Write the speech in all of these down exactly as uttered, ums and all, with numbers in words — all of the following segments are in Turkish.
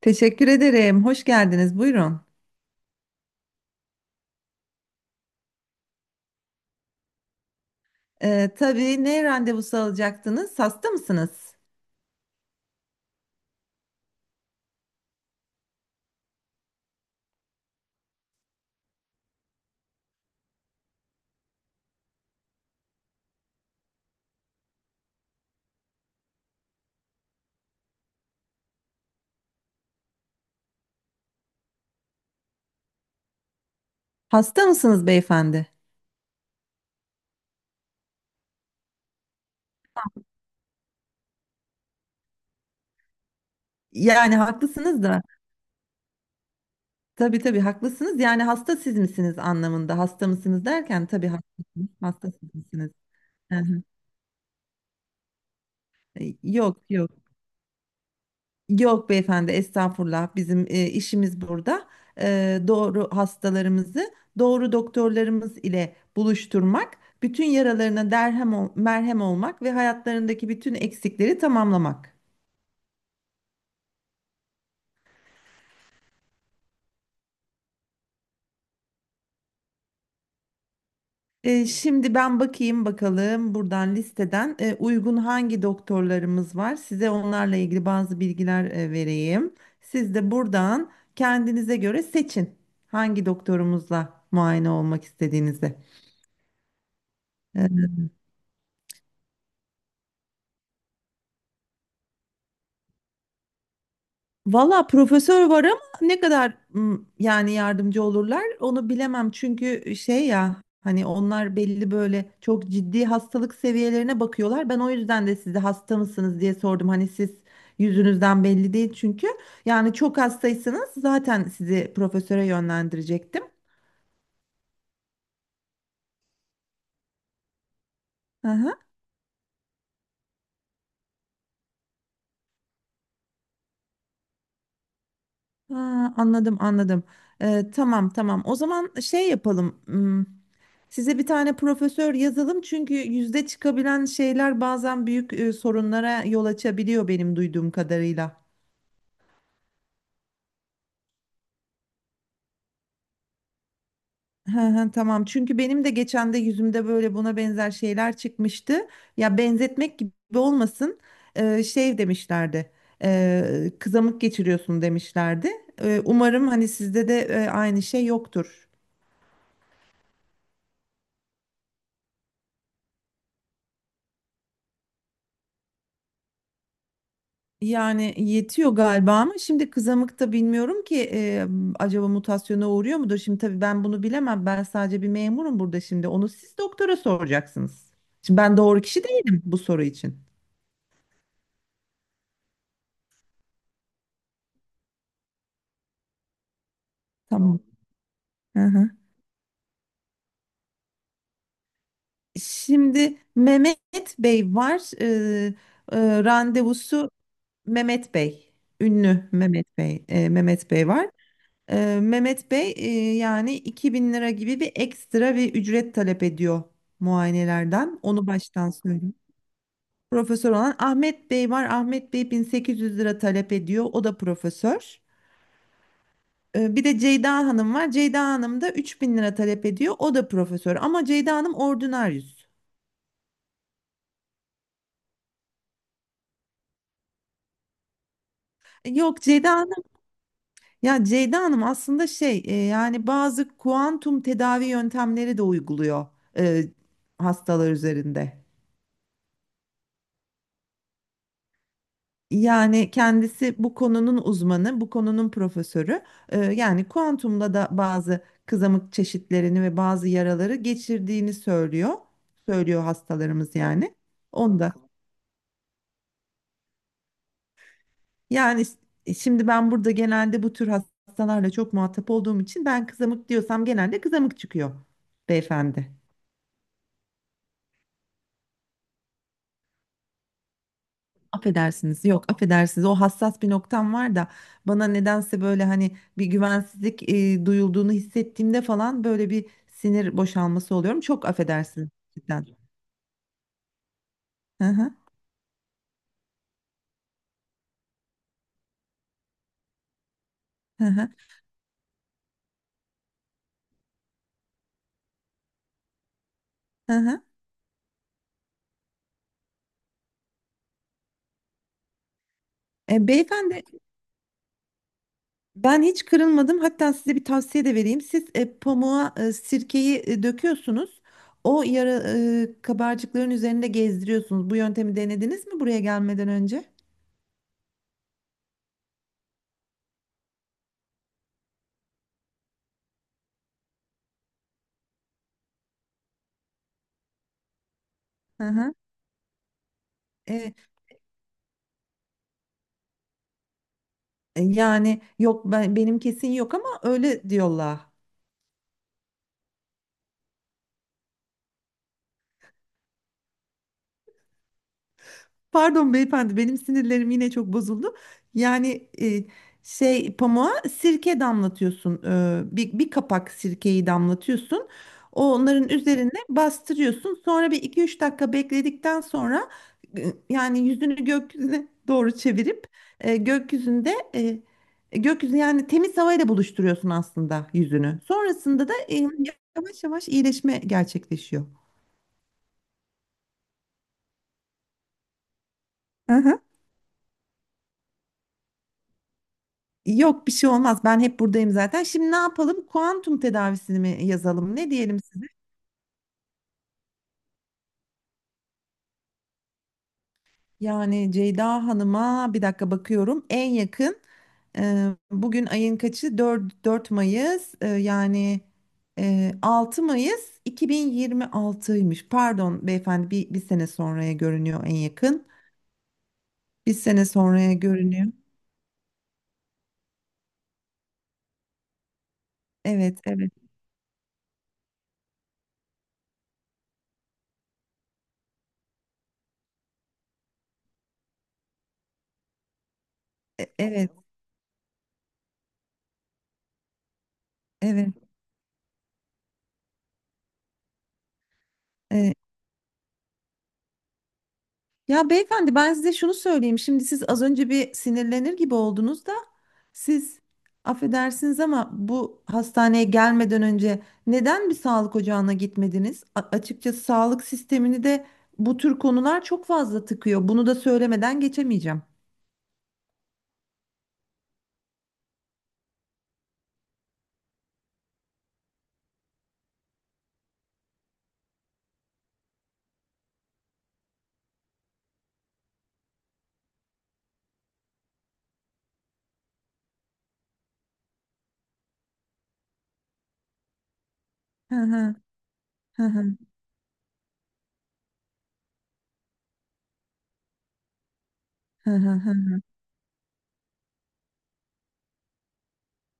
Teşekkür ederim. Hoş geldiniz. Buyurun. Ee, tabii, ne randevusu alacaktınız? Hasta mısınız? Hasta mısınız beyefendi? Yani haklısınız da. Tabii tabii haklısınız. Yani hasta siz misiniz anlamında. Hasta mısınız derken tabii haklısınız. Hasta siz misiniz? Hı hı. Ee, Yok yok. Yok beyefendi, estağfurullah. Bizim e, işimiz burada. E, doğru hastalarımızı doğru doktorlarımız ile buluşturmak, bütün yaralarına derhem ol- merhem olmak ve hayatlarındaki bütün eksikleri tamamlamak. E, şimdi ben bakayım bakalım buradan listeden e, uygun hangi doktorlarımız var. Size onlarla ilgili bazı bilgiler e, vereyim. Siz de buradan kendinize göre seçin hangi doktorumuzla muayene olmak istediğinizi. E, Valla profesör var ama ne kadar m, yani yardımcı olurlar onu bilemem. Çünkü şey, ya hani onlar belli, böyle çok ciddi hastalık seviyelerine bakıyorlar. Ben o yüzden de size hasta mısınız diye sordum. Hani siz yüzünüzden belli değil çünkü. Yani çok hastaysanız zaten sizi profesöre yönlendirecektim. Aha. Ha, anladım anladım. Ee, tamam tamam, o zaman şey yapalım. Size bir tane profesör yazalım çünkü yüzde çıkabilen şeyler bazen büyük e, sorunlara yol açabiliyor benim duyduğum kadarıyla. Hı hı. Tamam, çünkü benim de geçen de yüzümde böyle buna benzer şeyler çıkmıştı. Ya benzetmek gibi olmasın, e, şey demişlerdi, e, kızamık geçiriyorsun demişlerdi. E, umarım hani sizde de e, aynı şey yoktur. Yani yetiyor galiba ama şimdi kızamıkta bilmiyorum ki e, acaba mutasyona uğruyor mudur? Şimdi tabii ben bunu bilemem. Ben sadece bir memurum burada şimdi. Onu siz doktora soracaksınız. Şimdi ben doğru kişi değilim bu soru için. Tamam. Hı hı. Şimdi Mehmet Bey var. E, e, randevusu Mehmet Bey. Ünlü Mehmet Bey. e, Mehmet Bey var. Ee, Mehmet Bey, e, yani iki bin lira gibi bir ekstra bir ücret talep ediyor muayenelerden. Onu baştan söyleyeyim. Profesör olan Ahmet Bey var. Ahmet Bey bin sekiz yüz lira talep ediyor. O da profesör. Ee, bir de Ceyda Hanım var. Ceyda Hanım da üç bin lira talep ediyor. O da profesör. Ama Ceyda Hanım ordinaryüs. Yok, Ceyda Hanım ya Ceyda Hanım aslında şey, e, yani bazı kuantum tedavi yöntemleri de uyguluyor e, hastalar üzerinde. Yani kendisi bu konunun uzmanı, bu konunun profesörü. Ee, yani kuantumda da bazı kızamık çeşitlerini ve bazı yaraları geçirdiğini söylüyor. Söylüyor hastalarımız yani. Onda. Yani s- e, Şimdi ben burada genelde bu tür hastalarla çok muhatap olduğum için ben kızamık diyorsam genelde kızamık çıkıyor beyefendi. Affedersiniz, yok affedersiniz, o hassas bir noktam var da bana nedense böyle hani bir güvensizlik e, duyulduğunu hissettiğimde falan böyle bir sinir boşalması oluyorum. Çok affedersiniz. Cidden. Hı hı, hı hı, hı hı. E, beyefendi, ben hiç kırılmadım, hatta size bir tavsiye de vereyim. Siz e, pamuğa e, sirkeyi e, döküyorsunuz, o yara e, kabarcıkların üzerinde gezdiriyorsunuz. Bu yöntemi denediniz mi buraya gelmeden önce? Hı hı. E, E, Yani yok, ben benim kesin yok ama öyle diyorlar. Pardon beyefendi, benim sinirlerim yine çok bozuldu. Yani e, Şey, pamuğa sirke damlatıyorsun. e, bir, bir kapak sirkeyi damlatıyorsun. O Onların üzerine bastırıyorsun. Sonra bir iki üç dakika bekledikten sonra, e, yani yüzünü gökyüzüne doğru çevirip e, gökyüzünde e, e, gökyüzü, yani temiz havayla buluşturuyorsun aslında yüzünü. Sonrasında da e, yavaş yavaş iyileşme gerçekleşiyor. Aha. Yok, bir şey olmaz. Ben hep buradayım zaten. Şimdi ne yapalım? Kuantum tedavisini mi yazalım? Ne diyelim size? Yani Ceyda Hanım'a bir dakika bakıyorum. En yakın, e, bugün ayın kaçı? Dört 4 Mayıs. E, yani e, altı Mayıs iki bin yirmi altıymış. Pardon beyefendi, bir, bir sene sonraya görünüyor en yakın. Bir sene sonraya görünüyor. Evet, evet, e- evet, evet. Ya beyefendi, ben size şunu söyleyeyim. Şimdi siz az önce bir sinirlenir gibi oldunuz da siz, affedersiniz ama bu hastaneye gelmeden önce neden bir sağlık ocağına gitmediniz? A- açıkçası sağlık sistemini de bu tür konular çok fazla tıkıyor. Bunu da söylemeden geçemeyeceğim. Hı hı, hı hı, hı hı, hı.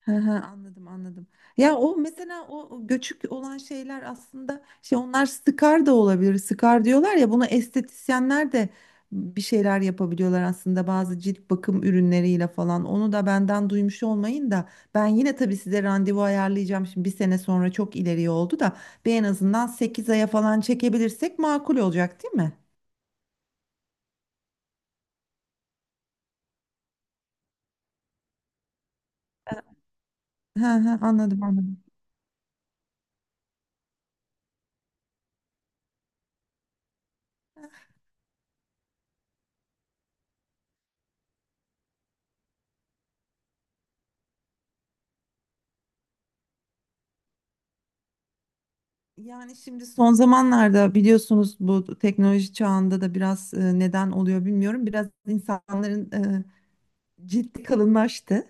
Hı hı, anladım anladım. Ya o mesela, o o göçük olan şeyler aslında şey, onlar skar da olabilir. Skar diyorlar ya, bunu estetisyenler de bir şeyler yapabiliyorlar aslında bazı cilt bakım ürünleriyle falan. Onu da benden duymuş olmayın da, ben yine tabii size randevu ayarlayacağım. Şimdi bir sene sonra çok ileriye oldu da bir en azından sekiz aya falan çekebilirsek makul olacak değil mi? Hı hı, anladım anladım. Yani şimdi son zamanlarda biliyorsunuz bu teknoloji çağında da biraz e, neden oluyor bilmiyorum. Biraz insanların e, cildi kalınlaştı.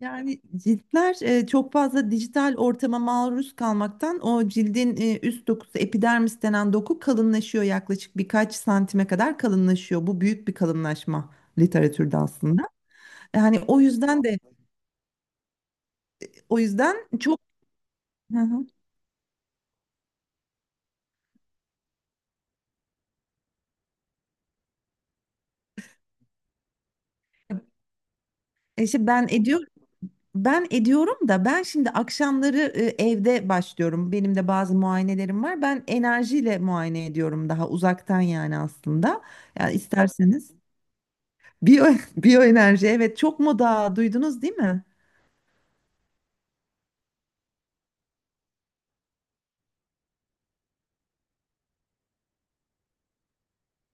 Yani ciltler e, çok fazla dijital ortama maruz kalmaktan o cildin e, üst dokusu, epidermis denen doku kalınlaşıyor, yaklaşık birkaç santime kadar kalınlaşıyor. Bu büyük bir kalınlaşma literatürde aslında. Yani o yüzden de o yüzden çok hı hı. E işte ben ediyorum. Ben ediyorum da, ben şimdi akşamları e, evde başlıyorum. Benim de bazı muayenelerim var. Ben enerjiyle muayene ediyorum, daha uzaktan yani aslında. Yani isterseniz biyo biyoenerji, evet, çok moda, duydunuz değil mi?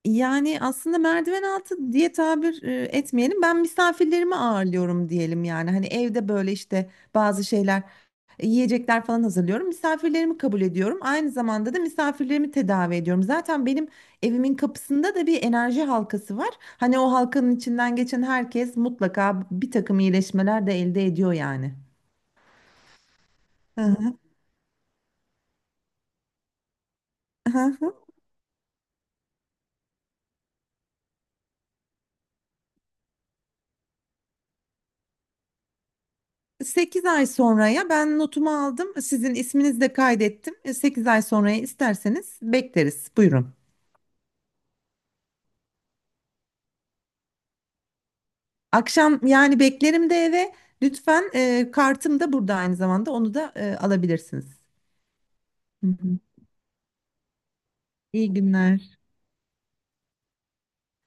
Yani aslında merdiven altı diye tabir e, etmeyelim. Ben misafirlerimi ağırlıyorum diyelim yani. Hani evde böyle işte bazı şeyler, e, yiyecekler falan hazırlıyorum. Misafirlerimi kabul ediyorum. Aynı zamanda da misafirlerimi tedavi ediyorum. Zaten benim evimin kapısında da bir enerji halkası var. Hani o halkanın içinden geçen herkes mutlaka bir takım iyileşmeler de elde ediyor yani. Hı hı. sekiz ay sonraya ben notumu aldım. Sizin isminizi de kaydettim. sekiz ay sonraya isterseniz bekleriz. Buyurun. Akşam yani beklerim de eve. Lütfen, e, kartım da burada aynı zamanda. Onu da e, alabilirsiniz. Hı hı. İyi günler.